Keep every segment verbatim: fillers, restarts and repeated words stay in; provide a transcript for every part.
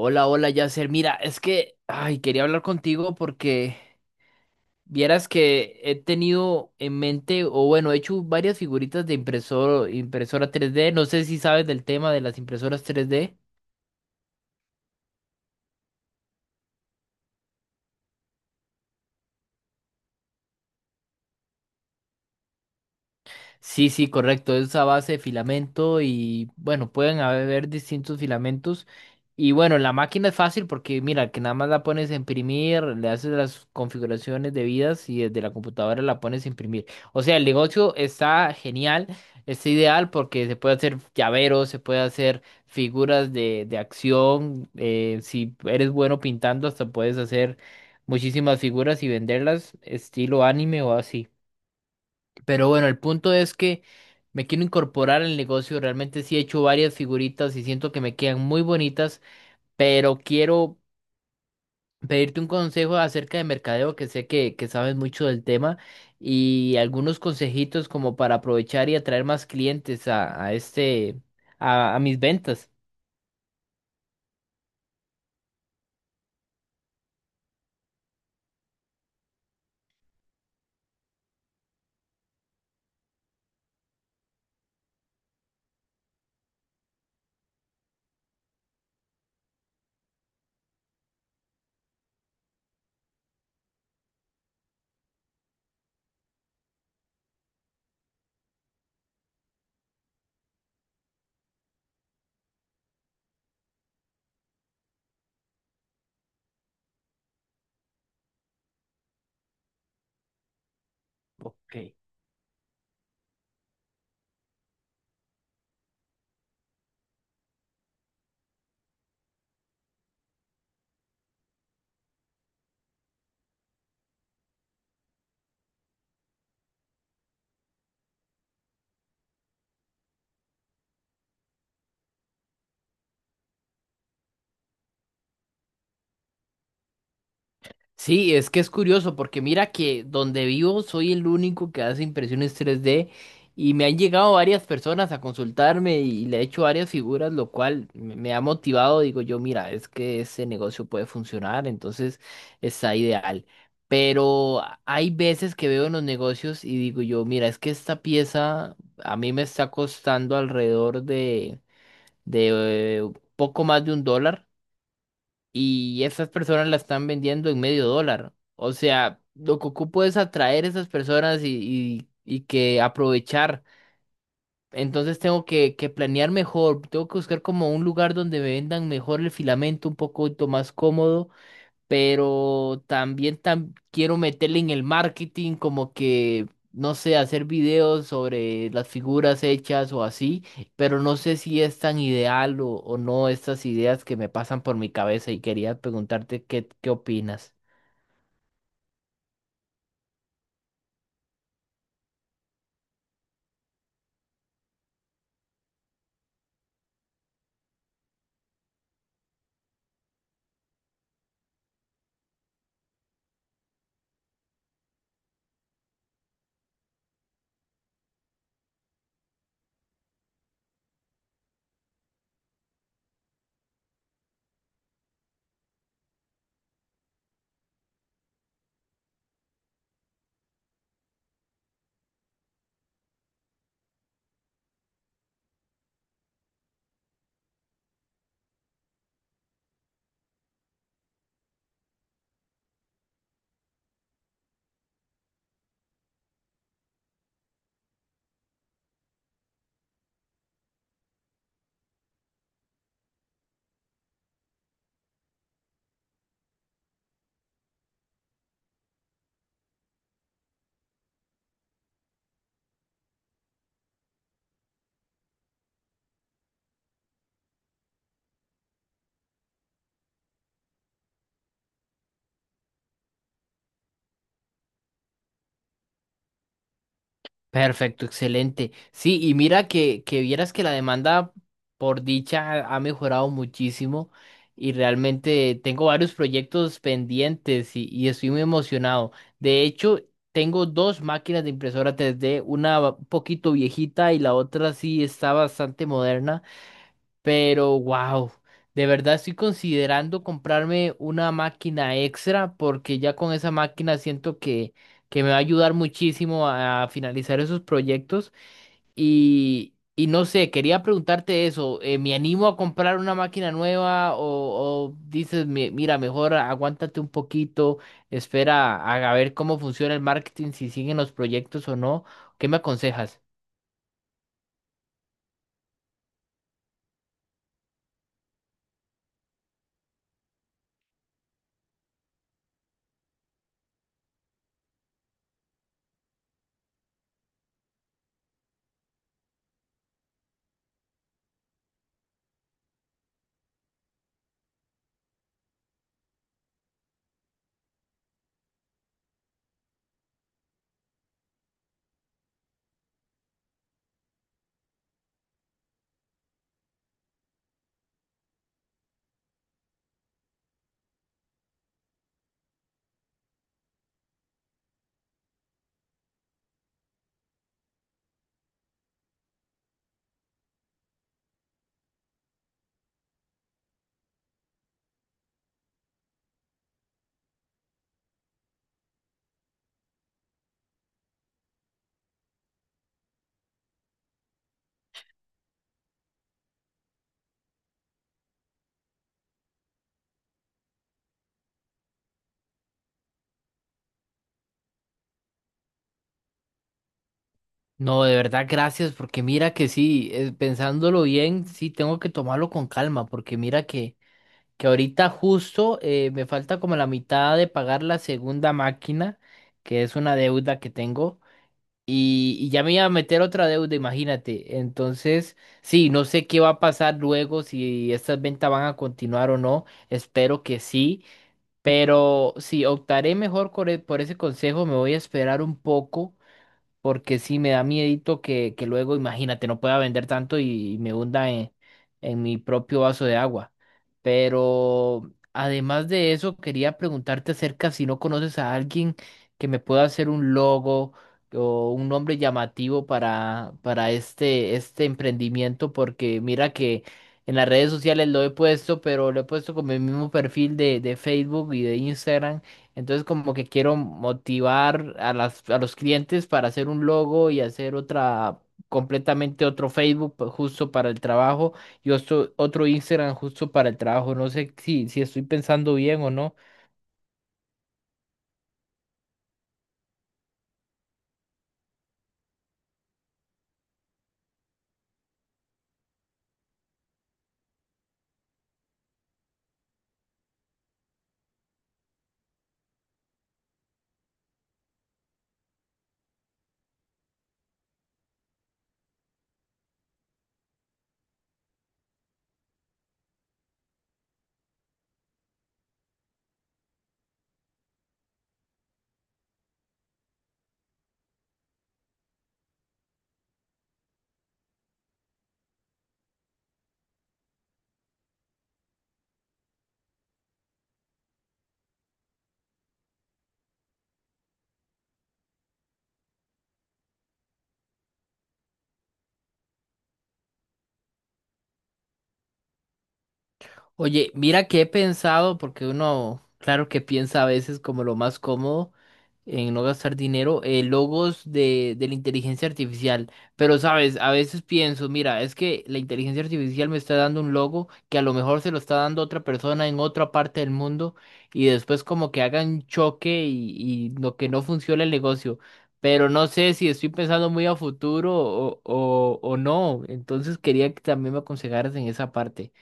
Hola, hola, Yasser. Mira, es que, ay, quería hablar contigo porque vieras que he tenido en mente, o bueno, he hecho varias figuritas de impresor, impresora tres d. No sé si sabes del tema de las impresoras tres d. Sí, sí, correcto. Es a base de filamento y bueno, pueden haber distintos filamentos. Y bueno, la máquina es fácil porque mira, que nada más la pones a imprimir, le haces las configuraciones debidas y desde la computadora la pones a imprimir. O sea, el negocio está genial, está ideal porque se puede hacer llaveros, se puede hacer figuras de, de acción. Eh, si eres bueno pintando, hasta puedes hacer muchísimas figuras y venderlas estilo anime o así. Pero bueno, el punto es que me quiero incorporar al negocio. Realmente sí he hecho varias figuritas y siento que me quedan muy bonitas, pero quiero pedirte un consejo acerca de mercadeo, que sé que, que sabes mucho del tema, y algunos consejitos como para aprovechar y atraer más clientes a, a este, a, a mis ventas. Ok. Sí, es que es curioso porque mira que donde vivo soy el único que hace impresiones tres D y me han llegado varias personas a consultarme y le he hecho varias figuras, lo cual me me ha motivado. Digo yo, mira, es que ese negocio puede funcionar, entonces está ideal. Pero a- hay veces que veo en los negocios y digo yo, mira, es que esta pieza a mí me está costando alrededor de, de eh, poco más de un dólar y esas personas la están vendiendo en medio dólar. O sea, lo que ocupo es atraer a esas personas y, y, y que aprovechar. Entonces tengo que, que planear mejor, tengo que buscar como un lugar donde me vendan mejor el filamento, un poco más cómodo, pero también tam- quiero meterle en el marketing como que, no sé, hacer videos sobre las figuras hechas o así, pero no sé si es tan ideal o, o no estas ideas que me pasan por mi cabeza y quería preguntarte qué, qué opinas. Perfecto, excelente. Sí, y mira que, que vieras que la demanda por dicha ha ha mejorado muchísimo y realmente tengo varios proyectos pendientes y, y estoy muy emocionado. De hecho, tengo dos máquinas de impresora tres D, una un poquito viejita y la otra sí está bastante moderna. Pero wow, de verdad estoy considerando comprarme una máquina extra porque ya con esa máquina siento que, que me va a ayudar muchísimo a finalizar esos proyectos. Y, y no sé, quería preguntarte eso, eh, ¿me animo a comprar una máquina nueva o, o dices, "Mi- mira, mejor aguántate un poquito, espera a, a ver cómo funciona el marketing, si siguen los proyectos o no"? ¿Qué me aconsejas? No, de verdad, gracias, porque mira que sí, eh, pensándolo bien, sí tengo que tomarlo con calma, porque mira que, que ahorita justo eh, me falta como la mitad de pagar la segunda máquina, que es una deuda que tengo, y, y ya me iba a meter otra deuda, imagínate. Entonces, sí, no sé qué va a pasar luego, si estas ventas van a continuar o no, espero que sí, pero sí, optaré mejor por, e- por ese consejo, me voy a esperar un poco porque sí me da miedito que, que luego, imagínate, no pueda vender tanto y me hunda en, en mi propio vaso de agua. Pero además de eso, quería preguntarte acerca si no conoces a alguien que me pueda hacer un logo o un nombre llamativo para, para este, este emprendimiento, porque mira que en las redes sociales lo he puesto, pero lo he puesto con mi mismo perfil de, de Facebook y de Instagram. Entonces como que quiero motivar a las, a los clientes para hacer un logo y hacer otra, completamente otro Facebook pa- justo para el trabajo y otro, otro Instagram justo para el trabajo. No sé si, si estoy pensando bien o no. Oye, mira que he pensado, porque uno, claro que piensa a veces como lo más cómodo en no gastar dinero, eh, logos de, de la inteligencia artificial. Pero, sabes, a veces pienso, mira, es que la inteligencia artificial me está dando un logo que a lo mejor se lo está dando otra persona en otra parte del mundo y después como que hagan choque y, y lo que no funciona el negocio. Pero no sé si estoy pensando muy a futuro o, o, o no. Entonces quería que también me aconsejaras en esa parte.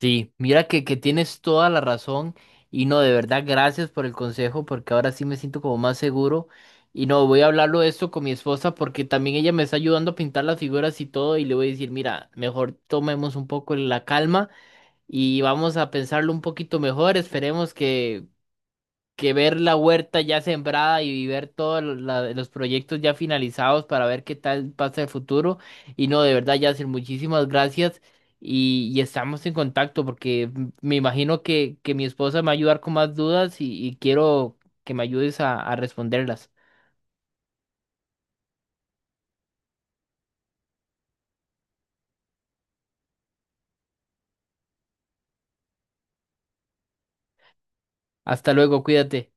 Sí, mira que, que tienes toda la razón y no, de verdad, gracias por el consejo porque ahora sí me siento como más seguro y no, voy a hablarlo de esto con mi esposa porque también ella me está ayudando a pintar las figuras y todo y le voy a decir, mira, mejor tomemos un poco la calma y vamos a pensarlo un poquito mejor, esperemos que que ver la huerta ya sembrada y ver todos lo- la- los proyectos ya finalizados para ver qué tal pasa el futuro. Y no, de verdad, Yacir, muchísimas gracias y, y estamos en contacto porque m- me imagino que, que mi esposa me va a ayudar con más dudas y, y quiero que me ayudes a a responderlas. Hasta luego, cuídate.